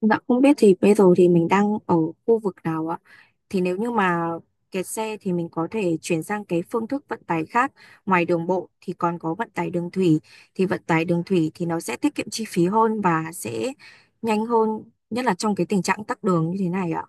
Dạ không biết thì bây giờ thì mình đang ở khu vực nào ạ? Thì nếu như mà kẹt xe thì mình có thể chuyển sang cái phương thức vận tải khác. Ngoài đường bộ thì còn có vận tải đường thủy. Thì vận tải đường thủy thì nó sẽ tiết kiệm chi phí hơn và sẽ nhanh hơn, nhất là trong cái tình trạng tắc đường như thế này ạ.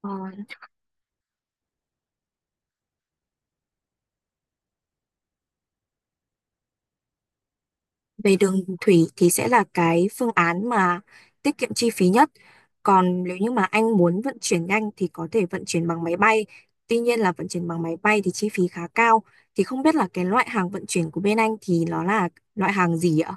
Ờ, Về đường thủy thì sẽ là cái phương án mà tiết kiệm chi phí nhất. Còn nếu như mà anh muốn vận chuyển nhanh thì có thể vận chuyển bằng máy bay. Tuy nhiên là vận chuyển bằng máy bay thì chi phí khá cao. Thì không biết là cái loại hàng vận chuyển của bên anh thì nó là loại hàng gì ạ?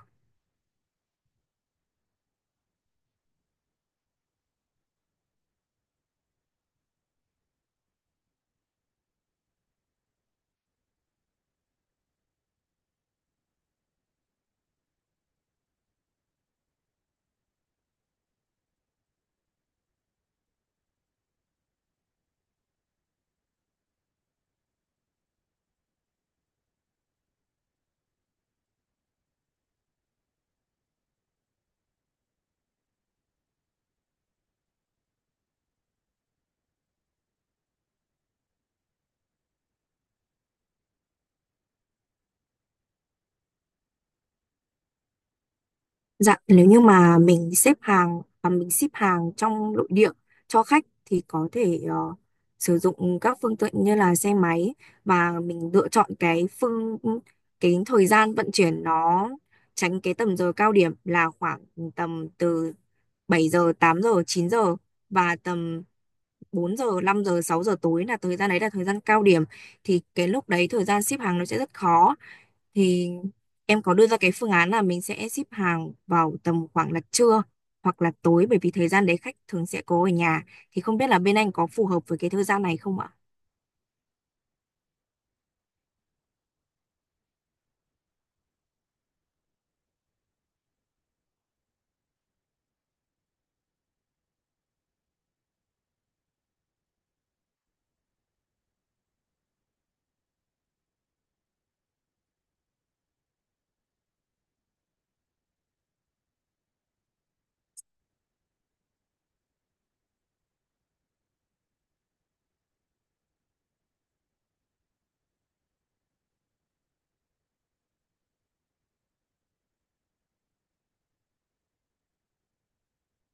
Dạ, nếu như mà mình xếp hàng mình ship hàng trong nội địa cho khách thì có thể sử dụng các phương tiện như là xe máy, và mình lựa chọn cái thời gian vận chuyển nó tránh cái tầm giờ cao điểm là khoảng tầm từ 7 giờ, 8 giờ, 9 giờ và tầm 4 giờ, 5 giờ, 6 giờ tối. Là thời gian đấy là thời gian cao điểm thì cái lúc đấy thời gian ship hàng nó sẽ rất khó. Thì em có đưa ra cái phương án là mình sẽ ship hàng vào tầm khoảng là trưa hoặc là tối, bởi vì thời gian đấy khách thường sẽ có ở nhà. Thì không biết là bên anh có phù hợp với cái thời gian này không ạ?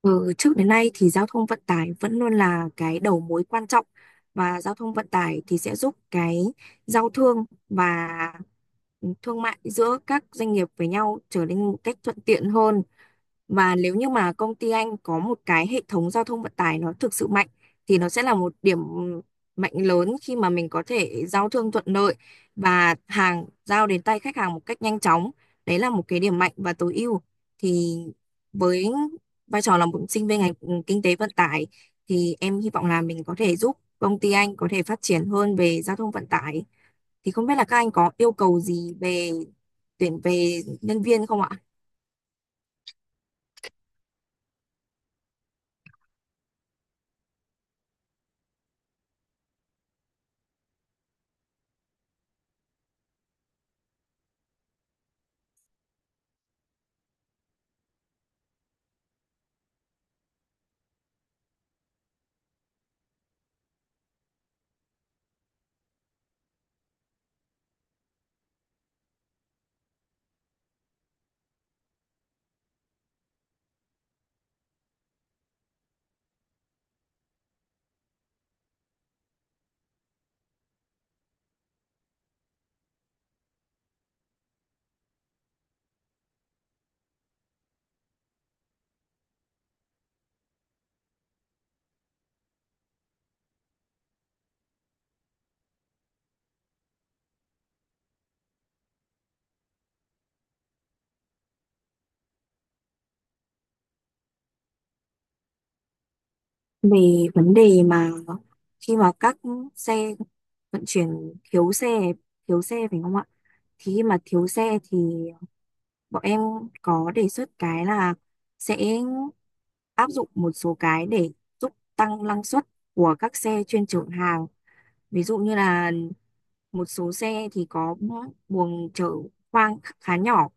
Ừ, trước đến nay thì giao thông vận tải vẫn luôn là cái đầu mối quan trọng, và giao thông vận tải thì sẽ giúp cái giao thương và thương mại giữa các doanh nghiệp với nhau trở nên một cách thuận tiện hơn. Và nếu như mà công ty anh có một cái hệ thống giao thông vận tải nó thực sự mạnh thì nó sẽ là một điểm mạnh lớn khi mà mình có thể giao thương thuận lợi và hàng giao đến tay khách hàng một cách nhanh chóng. Đấy là một cái điểm mạnh và tối ưu. Thì với vai trò là một sinh viên ngành kinh tế vận tải, thì em hy vọng là mình có thể giúp công ty anh có thể phát triển hơn về giao thông vận tải. Thì không biết là các anh có yêu cầu gì về tuyển về nhân viên không ạ? Về vấn đề mà khi mà các xe vận chuyển thiếu xe thiếu xe phải không ạ? Thì khi mà thiếu xe thì bọn em có đề xuất cái là sẽ áp dụng một số cái để giúp tăng năng suất của các xe chuyên chở hàng. Ví dụ như là một số xe thì có buồng chở khoang khá nhỏ,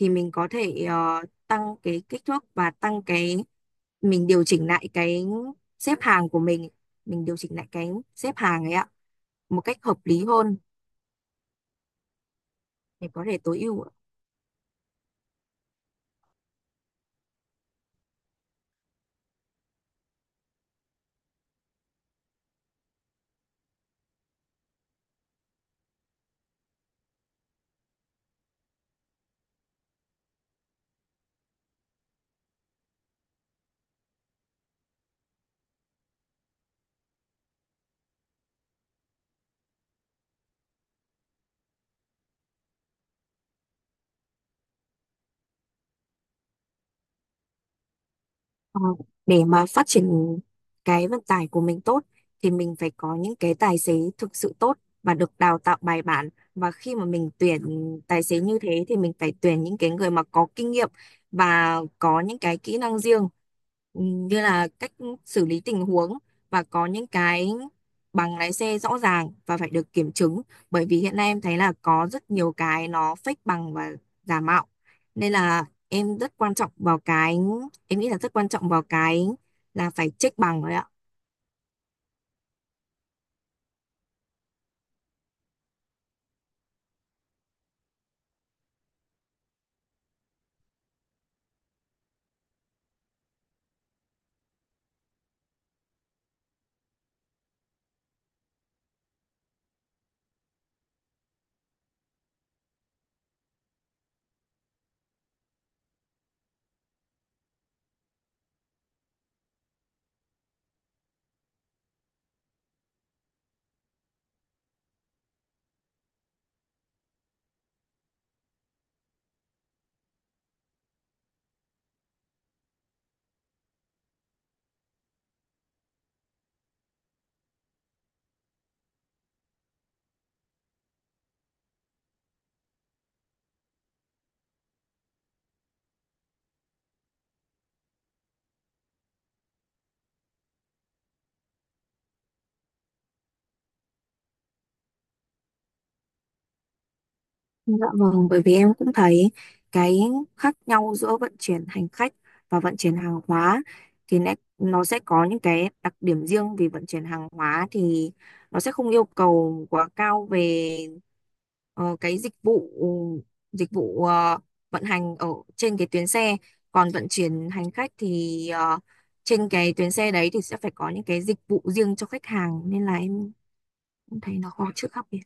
thì mình có thể tăng cái kích thước và tăng cái mình điều chỉnh lại cái xếp hàng của mình điều chỉnh lại cái xếp hàng ấy ạ, một cách hợp lý hơn để có thể tối ưu. Ờ, để mà phát triển cái vận tải của mình tốt thì mình phải có những cái tài xế thực sự tốt và được đào tạo bài bản, và khi mà mình tuyển tài xế như thế thì mình phải tuyển những cái người mà có kinh nghiệm và có những cái kỹ năng riêng. Như là cách xử lý tình huống và có những cái bằng lái xe rõ ràng và phải được kiểm chứng, bởi vì hiện nay em thấy là có rất nhiều cái nó fake bằng và giả mạo. Nên là em rất quan trọng vào cái em nghĩ là rất quan trọng vào cái là phải check bằng rồi ạ. Dạ vâng, bởi vì em cũng thấy cái khác nhau giữa vận chuyển hành khách và vận chuyển hàng hóa, thì nó sẽ có những cái đặc điểm riêng. Vì vận chuyển hàng hóa thì nó sẽ không yêu cầu quá cao về cái dịch vụ vận hành ở trên cái tuyến xe. Còn vận chuyển hành khách thì trên cái tuyến xe đấy thì sẽ phải có những cái dịch vụ riêng cho khách hàng, nên là em thấy nó khó chữa đặc biệt.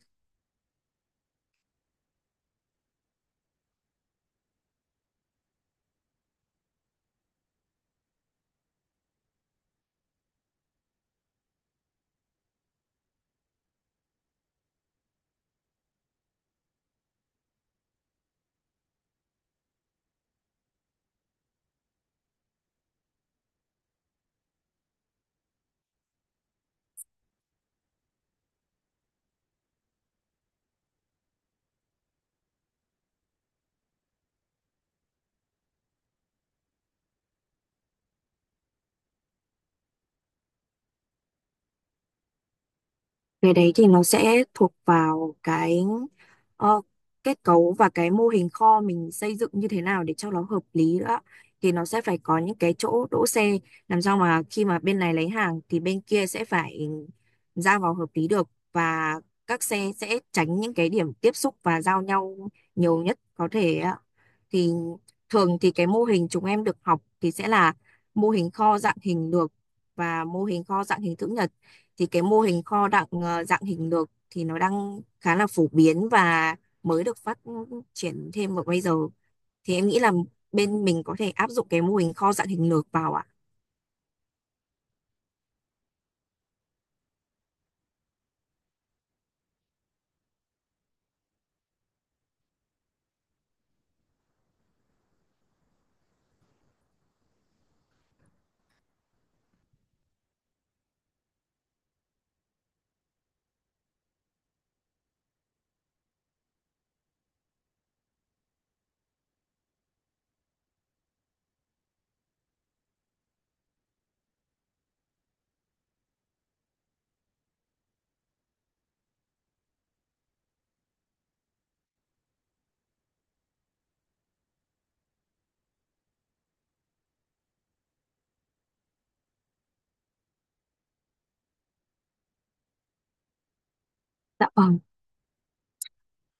Cái đấy thì nó sẽ thuộc vào cái ờ, kết cấu và cái mô hình kho mình xây dựng như thế nào để cho nó hợp lý nữa. Thì nó sẽ phải có những cái chỗ đỗ xe, làm sao mà khi mà bên này lấy hàng thì bên kia sẽ phải ra vào hợp lý được, và các xe sẽ tránh những cái điểm tiếp xúc và giao nhau nhiều nhất có thể ạ. Thì thường thì cái mô hình chúng em được học thì sẽ là mô hình kho dạng hình lược và mô hình kho dạng hình chữ nhật. Thì cái mô hình kho dạng hình lược thì nó đang khá là phổ biến và mới được phát triển thêm vào bây giờ. Thì em nghĩ là bên mình có thể áp dụng cái mô hình kho dạng hình lược vào ạ. Dạ vâng.